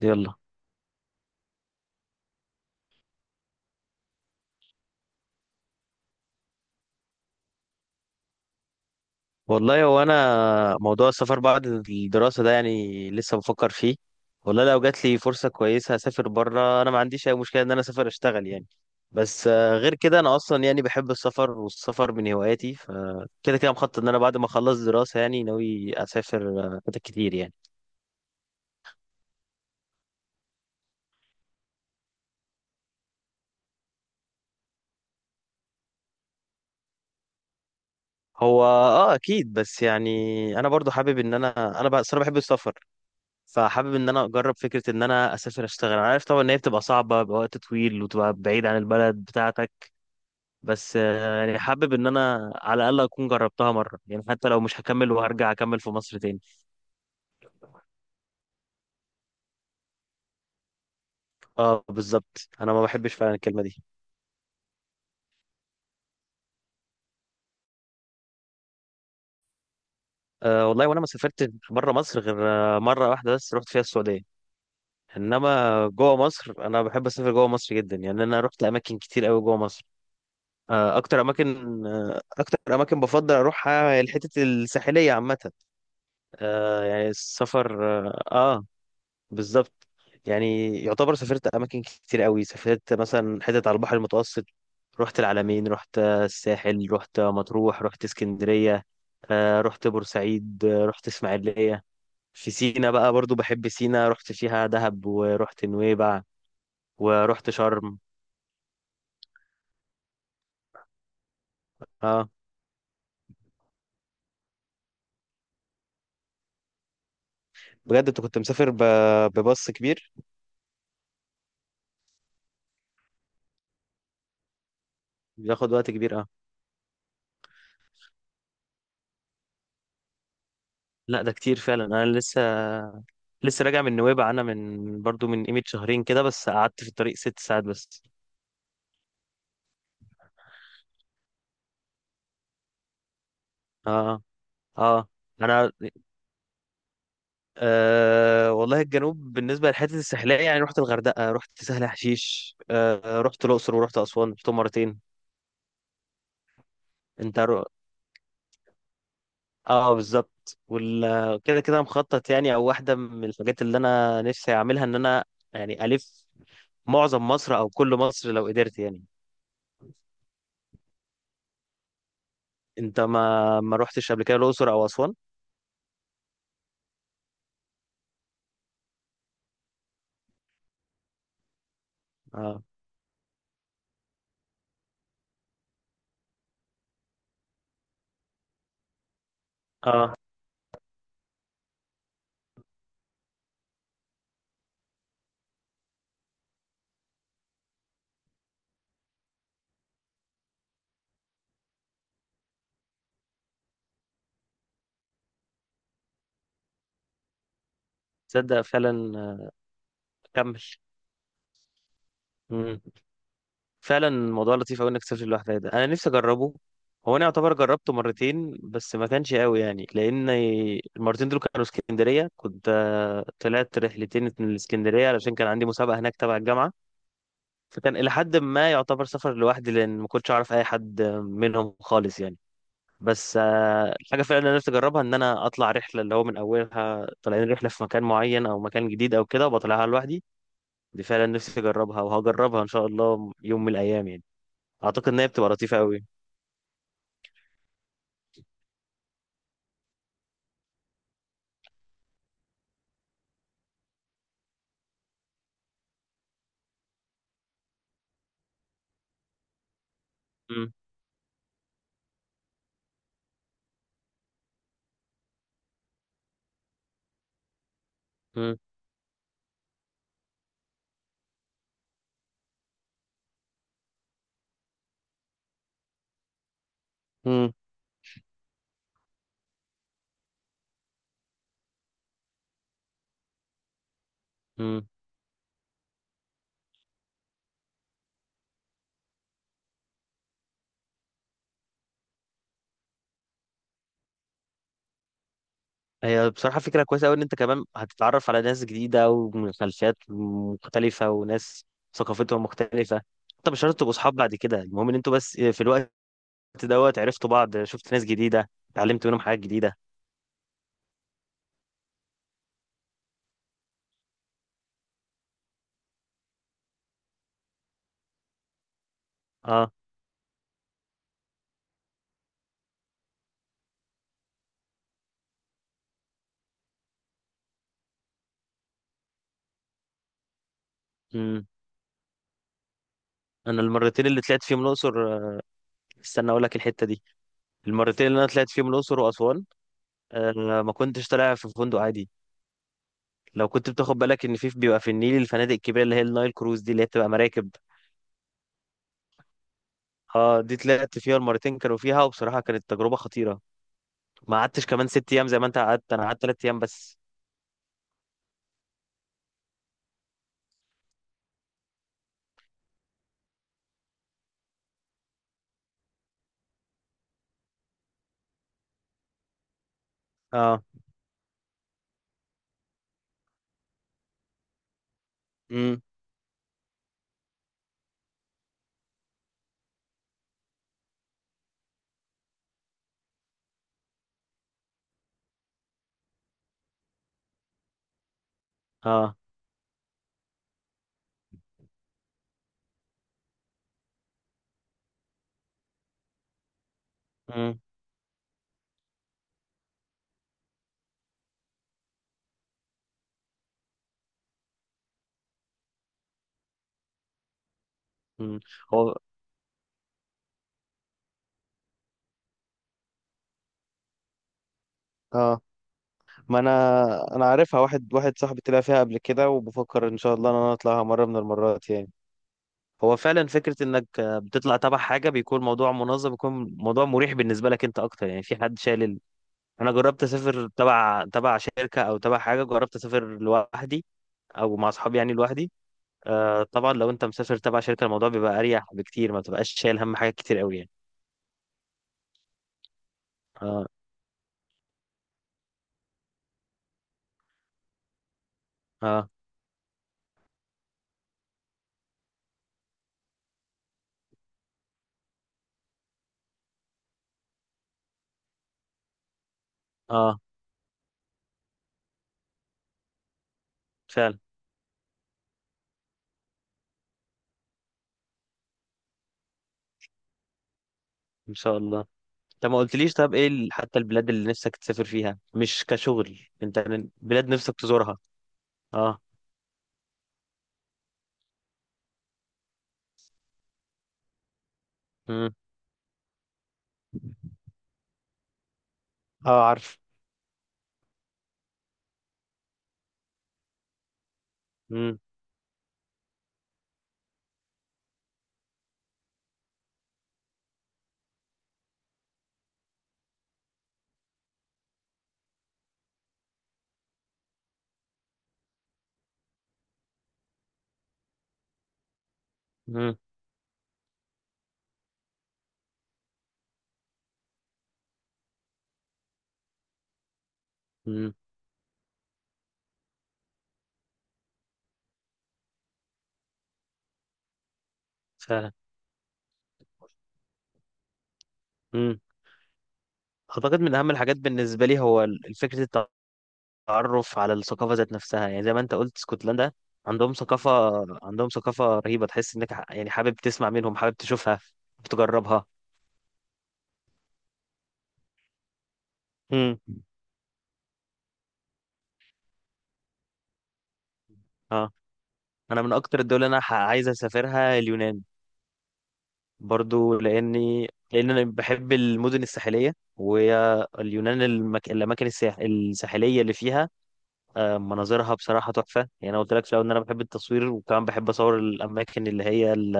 يلا. والله انا موضوع السفر بعد الدراسه ده لسه بفكر فيه. والله لو جات لي فرصه كويسه هسافر بره، انا ما عنديش اي مشكله ان انا اسافر اشتغل. بس غير كده انا اصلا بحب السفر، والسفر من هواياتي، فكده كده كده مخطط ان انا بعد ما اخلص دراسه ناوي اسافر. حتت كتير يعني. هو اه اكيد، بس يعني انا برضو حابب ان انا بقى صراحة بحب السفر، فحابب ان انا اجرب فكره ان انا اسافر اشتغل. انا عارف طبعا ان هي بتبقى صعبه بوقت طويل وتبقى بعيد عن البلد بتاعتك، بس يعني حابب ان انا على الاقل اكون جربتها مره، يعني حتى لو مش هكمل وهرجع اكمل في مصر تاني. اه بالظبط، انا ما بحبش فعلا الكلمه دي. والله وانا ما سافرت بره مصر غير مره واحده بس، رحت فيها السعوديه. انما جوه مصر انا بحب اسافر جوه مصر جدا، يعني انا رحت اماكن كتير قوي جوه مصر. اكتر اماكن بفضل اروحها هي الحتت الساحليه عامه. آه، يعني السفر اه آه، بالظبط. يعني يعتبر سافرت اماكن كتير قوي، سافرت مثلا حتت على البحر المتوسط، رحت العلمين، رحت الساحل، رحت مطروح، رحت اسكندريه، رحت بورسعيد، رحت اسماعيليه. في سينا بقى برضو بحب سينا، رحت فيها دهب ورحت نويبع ورحت شرم. اه بجد. انت كنت مسافر ب- بباص كبير؟ بياخد وقت كبير اه. لا ده كتير فعلا. انا لسه لسه راجع من نويبع انا، من برضو من قيمه شهرين كده، بس قعدت في الطريق ست ساعات بس. اه. اه. انا آه والله الجنوب بالنسبه للحته الساحليه، يعني رحت الغردقه، رحت سهل حشيش، آه رحت الاقصر ورحت اسوان، رحتهم مرتين. انت رو... اه بالظبط. وال كده كده مخطط، يعني او واحده من الحاجات اللي انا نفسي اعملها ان انا الف معظم مصر، او كل مصر لو قدرت يعني. انت ما ما رحتش قبل كده الاقصر او اسوان؟ اه. اه تصدق فعلا. كمل. فعلا الموضوع لطيف قوي انك تسافر لوحدك، ده انا نفسي اجربه. هو انا يعتبر جربته مرتين بس ما كانش قوي، يعني لان المرتين دول كانوا اسكندريه، كنت طلعت رحلتين من الاسكندريه علشان كان عندي مسابقه هناك تبع الجامعه. فكان الى حد ما يعتبر سفر لوحدي، لان ما كنتش اعرف اي حد منهم خالص يعني. بس الحاجه فعلا اللي انا نفسي اجربها ان انا اطلع رحله، اللي هو من اولها طالعين رحله في مكان معين او مكان جديد او كده، وبطلعها لوحدي. دي فعلا نفسي اجربها وهجربها ان شاء الله يوم من الايام يعني. اعتقد ان هي بتبقى لطيفه قوي. مم. مم. مم. مم. هي بصراحه فكره كويسه قوي ان انت كمان هتتعرف على ناس جديده ومن خلفيات مختلفه، وناس ثقافتهم مختلفه. انت مش شرط تبقوا اصحاب بعد كده، المهم ان انتوا بس في الوقت دوت عرفتوا بعض، شفت ناس جديده، اتعلمت منهم حاجات جديده. اه. مم. انا المرتين اللي طلعت فيهم الاقصر، استنى اقول لك الحته دي. المرتين اللي انا طلعت فيهم الاقصر واسوان، آه ما كنتش طالع في فندق عادي. لو كنت بتاخد بالك ان في بيبقى في النيل الفنادق الكبيره اللي هي النايل كروز دي، اللي هي بتبقى مراكب. اه دي طلعت فيها المرتين، كانوا فيها وبصراحة كانت تجربة خطيرة. ما قعدتش كمان ست ايام زي ما انت قعدت، انا قعدت ثلاث ايام بس. اه. امم. اه. امم. أمم. هو اه ما انا انا عارفها واحد واحد، صاحبي طلع فيها قبل كده، وبفكر ان شاء الله ان انا اطلعها مره من المرات يعني. هو فعلا فكرة انك بتطلع تبع حاجة بيكون موضوع منظم، بيكون موضوع مريح بالنسبة لك انت اكتر، يعني في حد شايل ال... انا جربت اسافر تبع شركة او تبع حاجة، جربت اسافر لوحدي او مع اصحابي يعني لوحدي. آه طبعا لو انت مسافر تبع شركه الموضوع بيبقى اريح بكتير، ما بتبقاش شايل هم حاجات كتير قوي يعني. اه. اه. اه فعلا. ان شاء الله. طب ما قلتليش، طب ايه ال- حتى البلاد اللي نفسك تسافر فيها مش كشغل، انت من بلاد نفسك تزورها؟ اه. امم. اه عارف. امم. امم. امم. فعلا. امم. اعتقد من اهم الحاجات بالنسبه لي هو ال- فكره التعرف على الثقافه ذات نفسها، يعني زي ما انت قلت اسكتلندا عندهم ثقافه، عندهم ثقافه رهيبه، تحس انك ح- يعني حابب تسمع منهم، حابب تشوفها تجربها. امم. اه انا من اكتر الدول اللي انا ح- عايز اسافرها اليونان، برضو لان انا بحب المدن الساحليه، وهي اليونان المك... الاماكن الساح... الساحليه اللي فيها مناظرها بصراحه تحفه يعني. أنا قلت لك في الاول ان انا بحب التصوير، وكمان بحب اصور الاماكن اللي هي ال...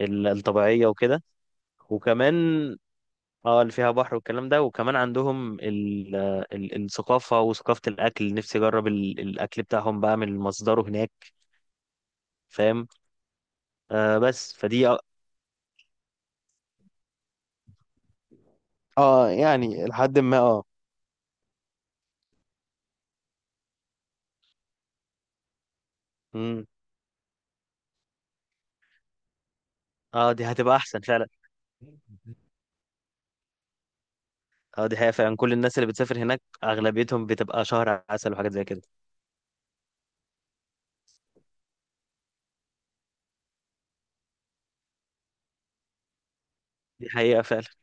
ال- الطبيعيه وكده. وكمان اه اللي فيها بحر والكلام ده، وكمان عندهم ال... ال... الثقافه وثقافه الاكل، نفسي اجرب ال... الاكل بتاعهم بقى من مصدره هناك. فاهم؟ آه بس فدي اه يعني لحد ما اه. امم. اه دي هتبقى احسن فعلا. اه دي حقيقة فعلا، كل الناس اللي بتسافر هناك اغلبيتهم بتبقى شهر عسل وحاجات زي كده. دي حقيقة فعلا.